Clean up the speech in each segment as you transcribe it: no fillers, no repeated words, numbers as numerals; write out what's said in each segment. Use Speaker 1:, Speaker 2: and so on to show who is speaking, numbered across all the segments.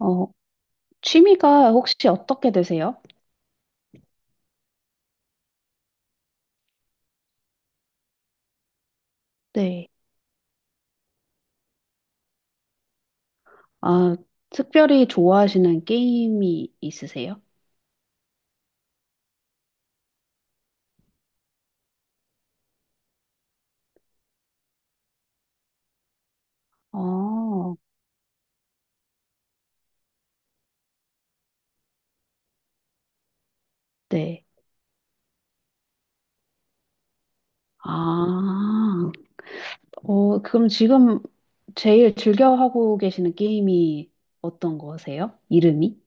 Speaker 1: 어, 취미가 혹시 어떻게 되세요? 네. 아, 특별히 좋아하시는 게임이 있으세요? 아, 네. 아, 그럼 지금 제일 즐겨 하고 계시는 게임이 어떤 거세요? 이름이?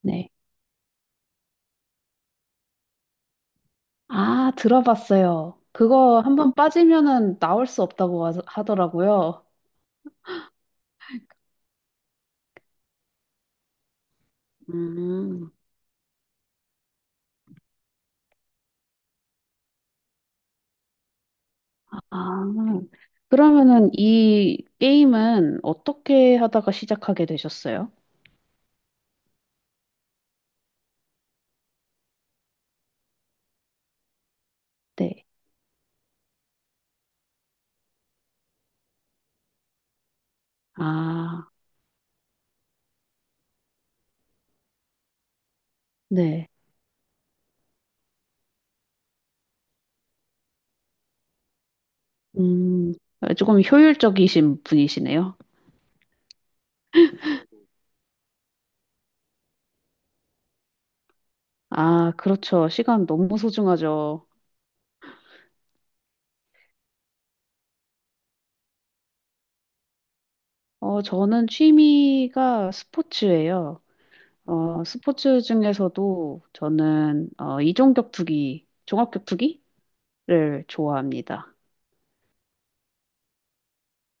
Speaker 1: 네. 아, 들어봤어요. 그거 한번 빠지면은 나올 수 없다고 하더라고요. 음, 아, 그러면은 이 게임은 어떻게 하다가 시작하게 되셨어요? 네. 아, 네. 음, 조금 효율적이신 분이시네요. 아, 그렇죠. 시간 너무 소중하죠. 어, 저는 취미가 스포츠예요. 어, 스포츠 중에서도 저는 이종격투기, 종합격투기를 좋아합니다.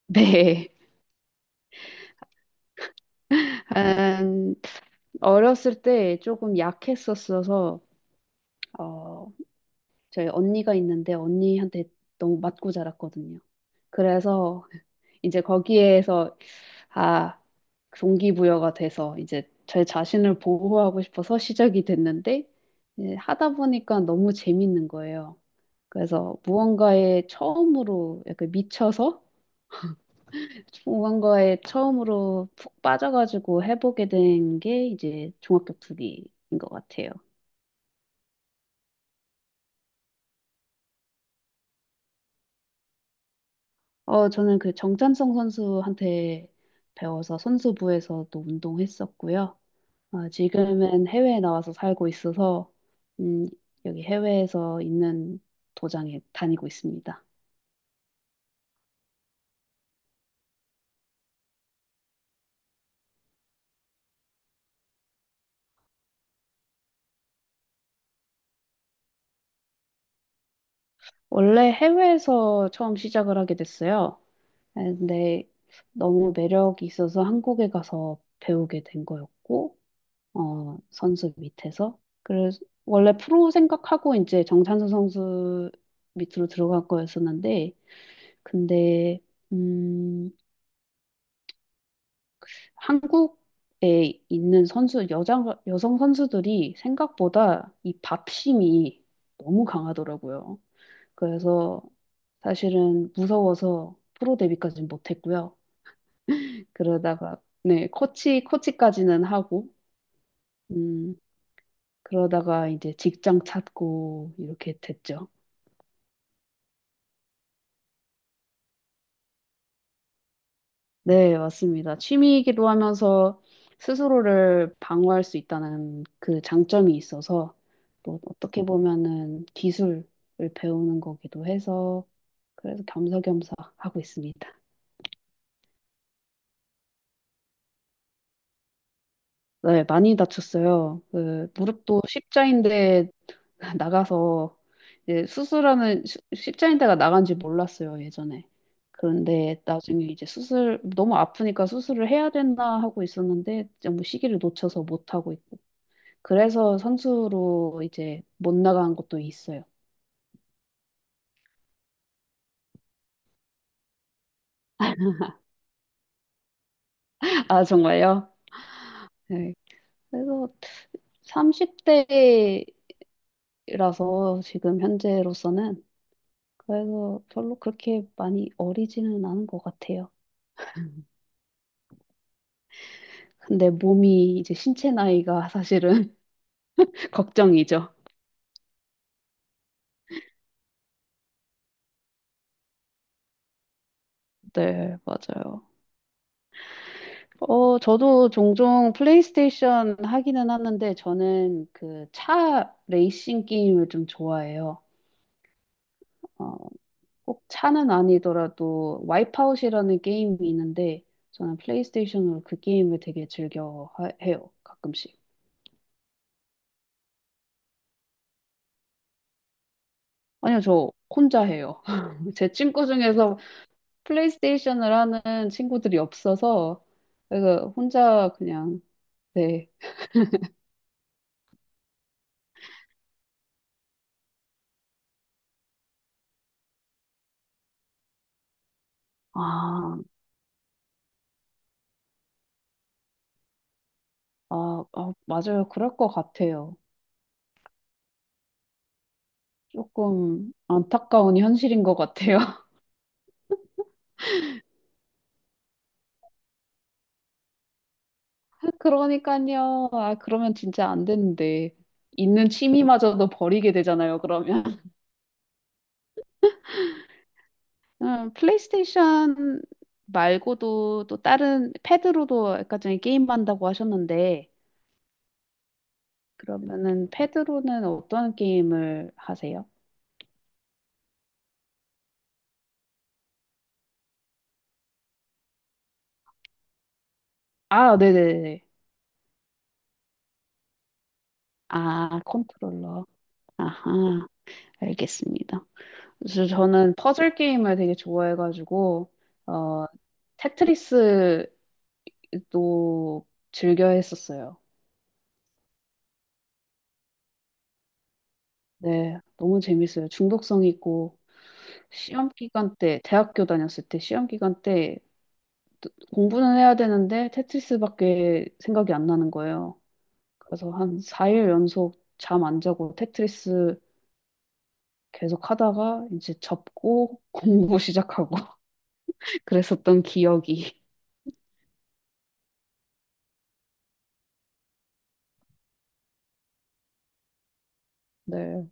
Speaker 1: 네. 음, 어렸을 때 조금 약했었어서 어, 저희 언니가 있는데 언니한테 너무 맞고 자랐거든요. 그래서 이제 거기에서 아, 동기부여가 돼서 이제 제 자신을 보호하고 싶어서 시작이 됐는데 이제 하다 보니까 너무 재밌는 거예요. 그래서 무언가에 처음으로 약간 미쳐서 무언가에 처음으로 푹 빠져가지고 해보게 된 게 이제 종합격 투기인 것 같아요. 어, 저는 그 정찬성 선수한테 배워서 선수부에서도 운동했었고요. 아, 지금은 해외에 나와서 살고 있어서, 음, 여기 해외에서 있는 도장에 다니고 있습니다. 원래 해외에서 처음 시작을 하게 됐어요. 아, 근데 너무 매력이 있어서 한국에 가서 배우게 된 거였고, 어, 선수 밑에서. 그래서 원래 프로 생각하고 이제 정찬수 선수 밑으로 들어갈 거였었는데, 근데, 음, 한국에 있는 선수, 여자, 여성 선수들이 생각보다 이 밥심이 너무 강하더라고요. 그래서 사실은 무서워서 프로 데뷔까지는 못했고요. 그러다가, 네, 코치까지는 하고, 음, 그러다가 이제 직장 찾고 이렇게 됐죠. 네, 맞습니다. 취미이기도 하면서 스스로를 방어할 수 있다는 그 장점이 있어서 또 어떻게 보면은 기술을 배우는 거기도 해서 그래서 겸사겸사 하고 있습니다. 네, 많이 다쳤어요. 그 무릎도 십자인대 나가서 이제 수술하는 십자인대가 나간지 몰랐어요, 예전에. 그런데 나중에 이제 수술 너무 아프니까 수술을 해야 된다 하고 있었는데 너무 시기를 놓쳐서 못 하고 있고 그래서 선수로 이제 못 나간 것도 있어요. 아, 정말요? 네. 그래서 30대라서 지금 현재로서는 그래서 별로 그렇게 많이 어리지는 않은 것 같아요. 근데 몸이 이제 신체 나이가 사실은 걱정이죠. 네, 맞아요. 어, 저도 종종 플레이스테이션 하기는 하는데 저는 그 차 레이싱 게임을 좀 좋아해요. 어, 꼭 차는 아니더라도 와이프아웃이라는 게임이 있는데 저는 플레이스테이션으로 그 게임을 되게 즐겨 해요. 가끔씩. 아니요, 저 혼자 해요. 제 친구 중에서 플레이스테이션을 하는 친구들이 없어서 그래서 혼자 그냥 네. 아, 아, 아, 맞아요. 그럴 것 같아요. 조금 안타까운 현실인 것 같아요. 그러니까요. 아, 그러면 진짜 안 되는데. 있는 취미마저도 버리게 되잖아요, 그러면. 플레이스테이션 말고도 또 다른 패드로도 아까 전에 게임 한다고 하셨는데 그러면은 패드로는 어떤 게임을 하세요? 아, 네네네. 아, 컨트롤러. 아하, 알겠습니다. 그래서 저는 퍼즐 게임을 되게 좋아해가지고 어, 테트리스도 즐겨 했었어요. 네, 너무 재밌어요. 중독성 있고 시험 기간 때, 대학교 다녔을 때 시험 기간 때 공부는 해야 되는데 테트리스밖에 생각이 안 나는 거예요. 그래서 한 4일 연속 잠 안 자고 테트리스 계속 하다가 이제 접고 공부 시작하고 그랬었던 기억이. 네.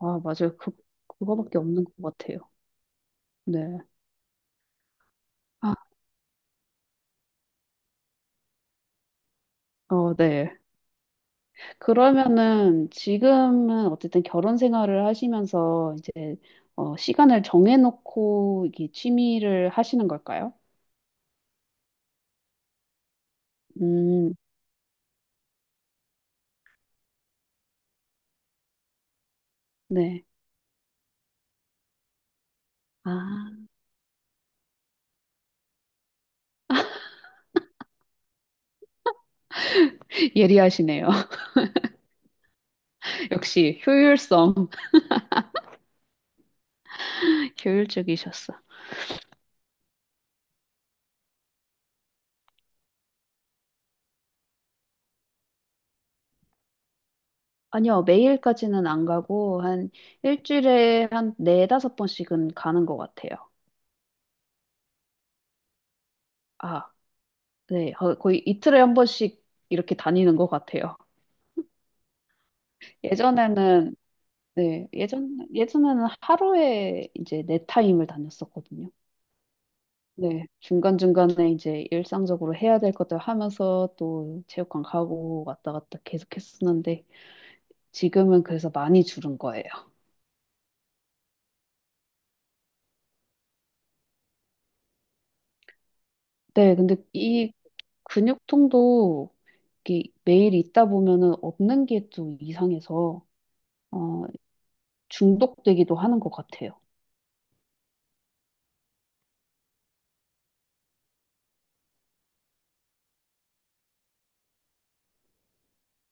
Speaker 1: 아, 맞아요. 그, 그거밖에 없는 것 같아요. 네. 아, 어, 네. 그러면은 지금은 어쨌든 결혼 생활을 하시면서 이제 어, 시간을 정해놓고 이게 취미를 하시는 걸까요? 음, 네. 아, 예리하시네요. 역시 효율성, 효율적이셨어. 아니요, 매일까지는 안 가고, 한 일주일에 한 네다섯 번씩은 가는 것 같아요. 아, 네. 거의 이틀에 한 번씩 이렇게 다니는 것 같아요. 예전에는, 네, 예전에는 하루에 이제 네 타임을 다녔었거든요. 네, 중간중간에 이제 일상적으로 해야 될 것들 하면서 또 체육관 가고 왔다 갔다 계속 했었는데, 지금은 그래서 많이 줄은 거예요. 네, 근데 이 근육통도 이게 매일 있다 보면은 없는 게 좀 이상해서 어, 중독되기도 하는 것 같아요.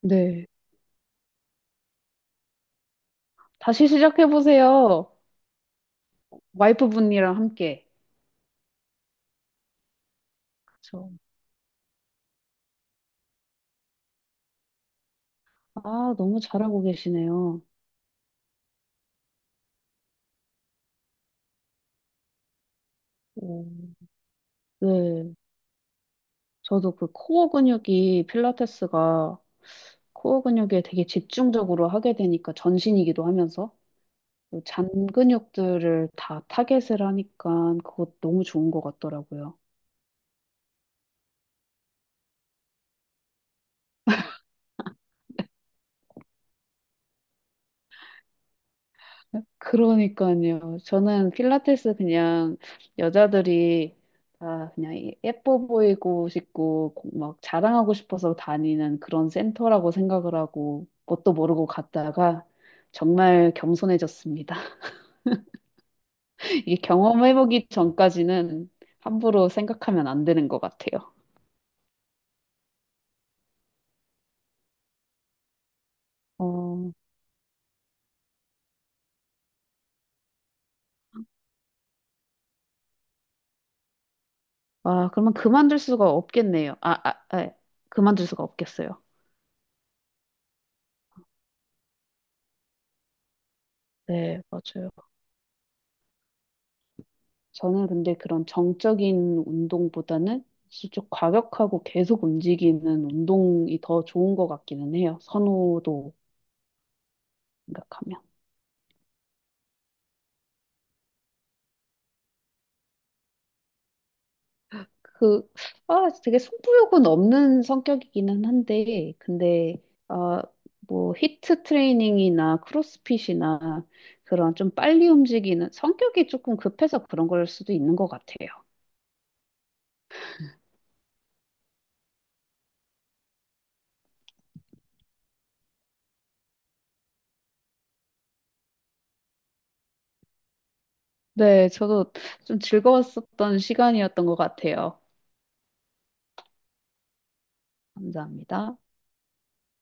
Speaker 1: 네. 다시 시작해보세요. 와이프분이랑 함께. 그 아, 너무 잘하고 계시네요. 음, 네. 저도 그 코어 근육이 필라테스가 코어 근육에 되게 집중적으로 하게 되니까 전신이기도 하면서 잔 근육들을 다 타겟을 하니까 그것 너무 좋은 것 같더라고요. 그러니까요. 저는 필라테스 그냥 여자들이 다 그냥 예뻐 보이고 싶고 막 자랑하고 싶어서 다니는 그런 센터라고 생각을 하고 뭣도 모르고 갔다가 정말 겸손해졌습니다. 이게 경험해보기 전까지는 함부로 생각하면 안 되는 것 같아요. 어, 아, 그러면 그만둘 수가 없겠네요. 아, 아, 아, 그만둘 수가 없겠어요. 네, 맞아요. 저는 근데 그런 정적인 운동보다는 좀 과격하고 계속 움직이는 운동이 더 좋은 것 같기는 해요. 선호도 생각하면. 그, 아, 되게 승부욕은 없는 성격이기는 한데, 근데, 아, 뭐, 히트 트레이닝이나 크로스핏이나 그런 좀 빨리 움직이는 성격이 조금 급해서 그런 걸 수도 있는 것 같아요. 네, 저도 좀 즐거웠었던 시간이었던 것 같아요. 감사합니다.